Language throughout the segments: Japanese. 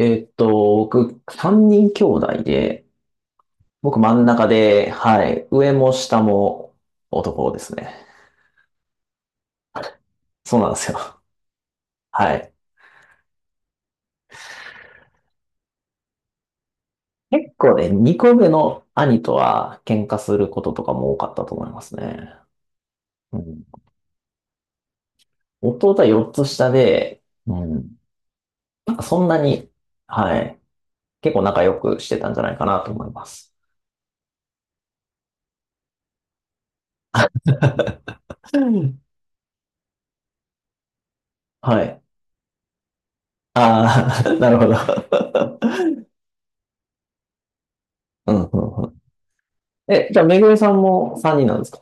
えーっと、僕、三人兄弟で、僕真ん中で、はい、上も下も男ですね。そうなんですよ。はい。結構ね、二個目の兄とは喧嘩することとかも多かったと思いますね。うん、弟は4つ下で、うん、そんなに、はい、結構仲良くしてたんじゃないかなと思います。うん、はい。ああ、なるほど。うんうんうん。え、じゃあ、めぐみさんも3人なんですか？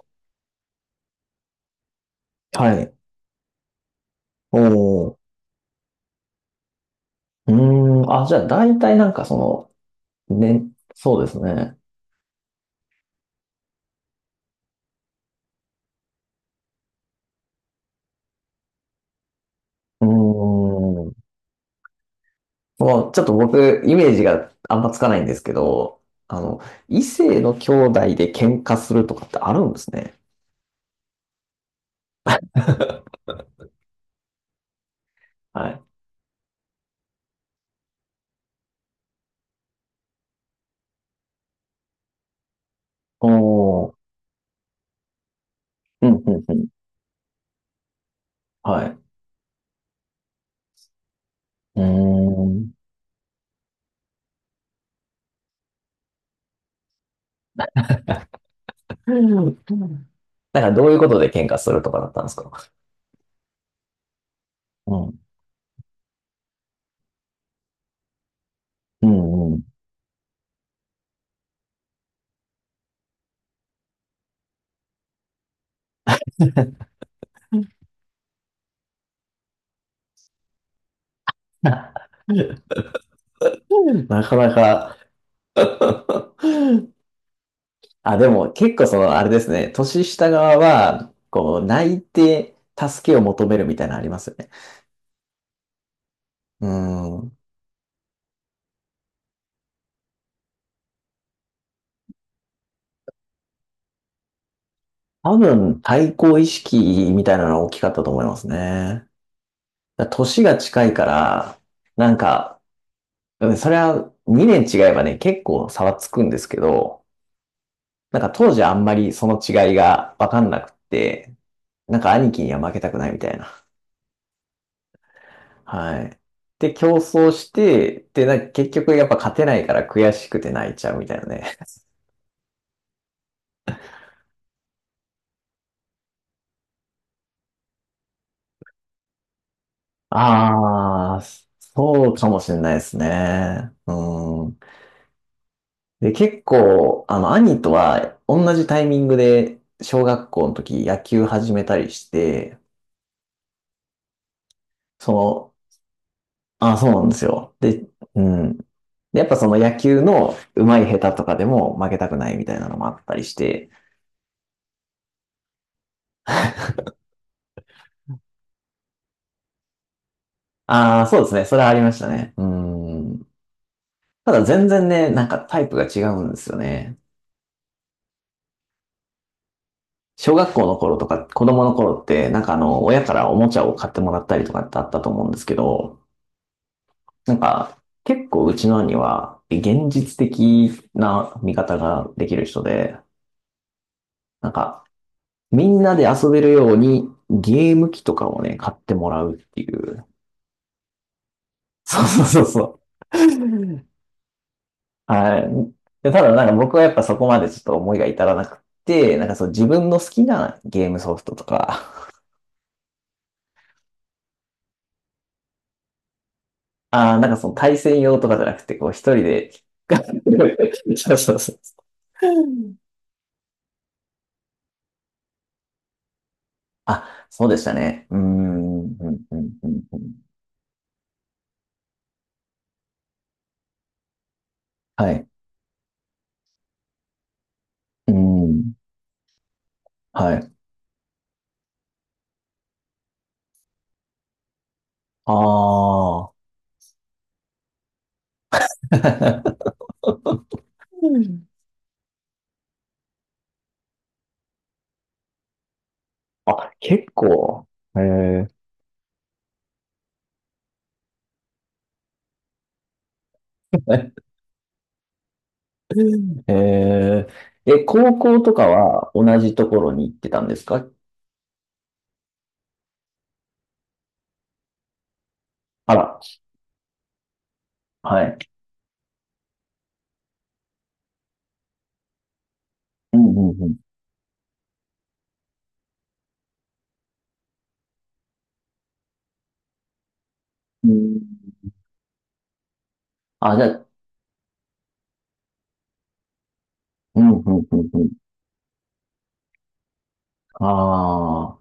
はい。おー、うーん、あ、じゃあ大体なんかその、ね、そうですね。うーん、もうちょっと僕、イメージがあんまつかないんですけど、あの、異性の兄弟で喧嘩するとかってあるんですね。はい。おー、うん、うん、うん。はい。うーん。うんうん、なんかどういうことで喧嘩するとかだったんですか？うん、うん、うん。なかなか。 あ、でも結構その、あれですね、年下側は、こう、泣いて助けを求めるみたいなのありますよね。うん。多分、対抗意識みたいなのが大きかったと思いますね。だから年が近いから、なんか、うん、それは2年違えばね、結構差はつくんですけど、なんか当時あんまりその違いがわかんなくって、なんか兄貴には負けたくないみたいな。はい。で、競争して、で、なんか結局やっぱ勝てないから悔しくて泣いちゃうみたいなね。ああ、そうかもしれないですね。うん。で、結構、あの、兄とは同じタイミングで小学校の時野球始めたりして、その、あ、そうなんですよ。で、うん。で、やっぱその野球の上手い下手とかでも負けたくないみたいなのもあったりして、ああ、そうですね。それはありましたね。うん。ただ全然ね、なんかタイプが違うんですよね。小学校の頃とか、子供の頃って、なんかあの、親からおもちゃを買ってもらったりとかってあったと思うんですけど、なんか、結構うちの兄は、現実的な見方ができる人で、なんか、みんなで遊べるように、ゲーム機とかをね、買ってもらうっていう。そうそうそうそう。はい。で、ただなんか僕はやっぱそこまでちょっと思いが至らなくて、なんかそう自分の好きなゲームソフトとか、ああ、なんかその対戦用とかじゃなくて、こう一人で。 そうそうそう。あ、そうでしたね。うーん、うん、うん、うん。うん、はい。うーん、はい。ああ。うん、あ、結構。へえ。へえー。え、高校とかは同じところに行ってたんですか？あら、はい。うん、うん、うん。うん。あ、じゃあ、うん、うん、うん、うん。ああ。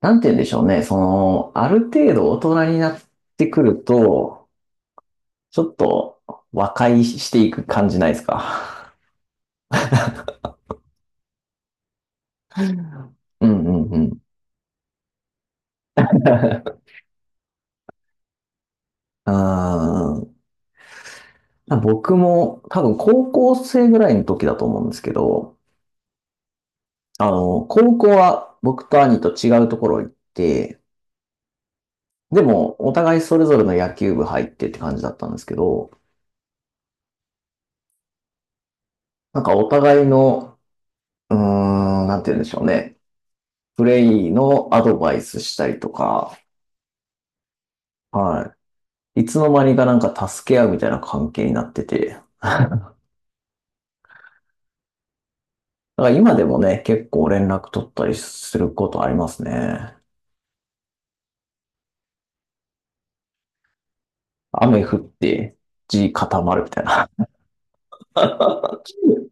なんて言うんでしょうね。その、ある程度大人になってくると、ちょっと和解していく感じないですか。うんうんうん。うー、僕も多分高校生ぐらいの時だと思うんですけど、あの、高校は僕と兄と違うところ行って、でもお互いそれぞれの野球部入ってって感じだったんですけど、なんかお互いの、うーん、なんて言うんでしょうね。プレイのアドバイスしたりとか、はい。いつの間にかなんか助け合うみたいな関係になってて、だから今でもね、結構連絡取ったりすることありますね。雨降って、地固まるみたいな。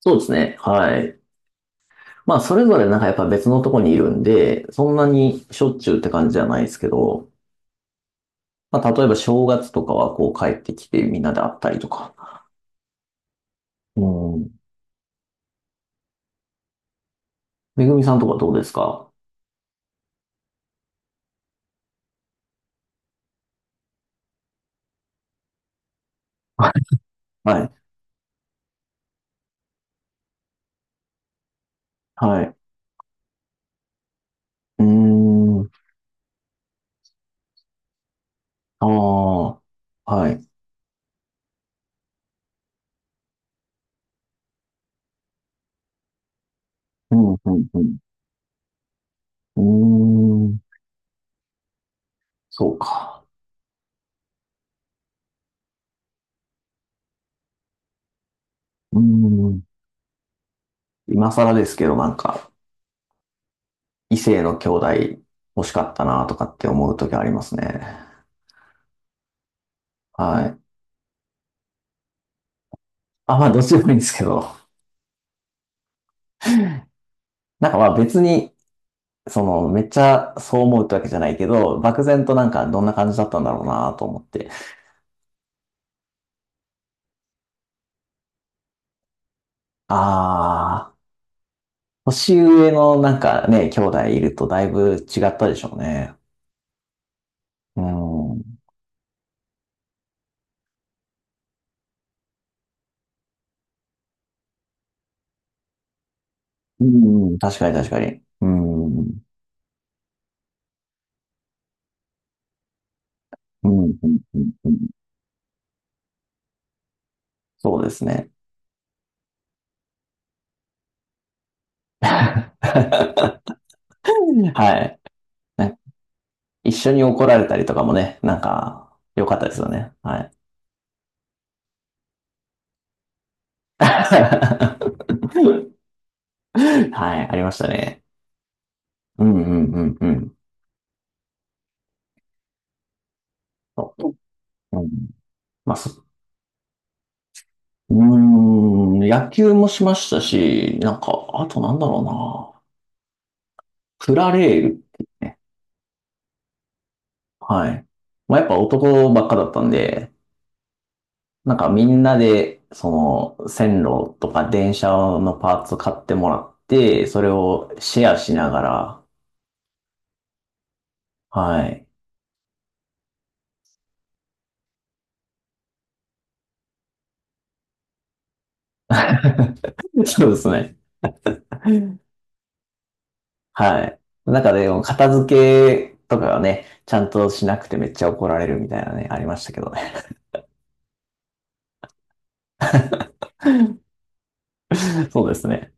そうですね。はい。まあ、それぞれなんかやっぱ別のとこにいるんで、そんなにしょっちゅうって感じじゃないですけど、まあ、例えば正月とかはこう帰ってきてみんなで会ったりとか。うん。めぐみさんとかどうですか？はい。はい。はい。うーん。ああ。はい。うん、うん、うん。うーん。そうか。うーん。今更ですけど、なんか、異性の兄弟欲しかったなとかって思う時ありますね。はい。あ、まあ、どっちでもいいんですけど、なんかまあ別に、その、めっちゃそう思うってわけじゃないけど、漠然となんかどんな感じだったんだろうなと思って。ああ、年上のなんかね、兄弟いるとだいぶ違ったでしょうね。うん。うん、確かに確かに。うん。うん、うん、うん。うん、そうですね。はい。なん一緒に怒られたりとかもね、なんか、良かったですよね。はい。はい、ありましたね。うんうんうんうん。そう、うん、まあ、そ、うーん、野球もしましたし、なんか、あとなんだろうな。プラレールっていうね。はい。まあ、やっぱ男ばっかだったんで、なんかみんなで、その、線路とか電車のパーツ買ってもらって、それをシェアしながら、はい。そうですね。はい。なんかでも、片付けとかはね、ちゃんとしなくてめっちゃ怒られるみたいなね、ありましたけどね。そうですね。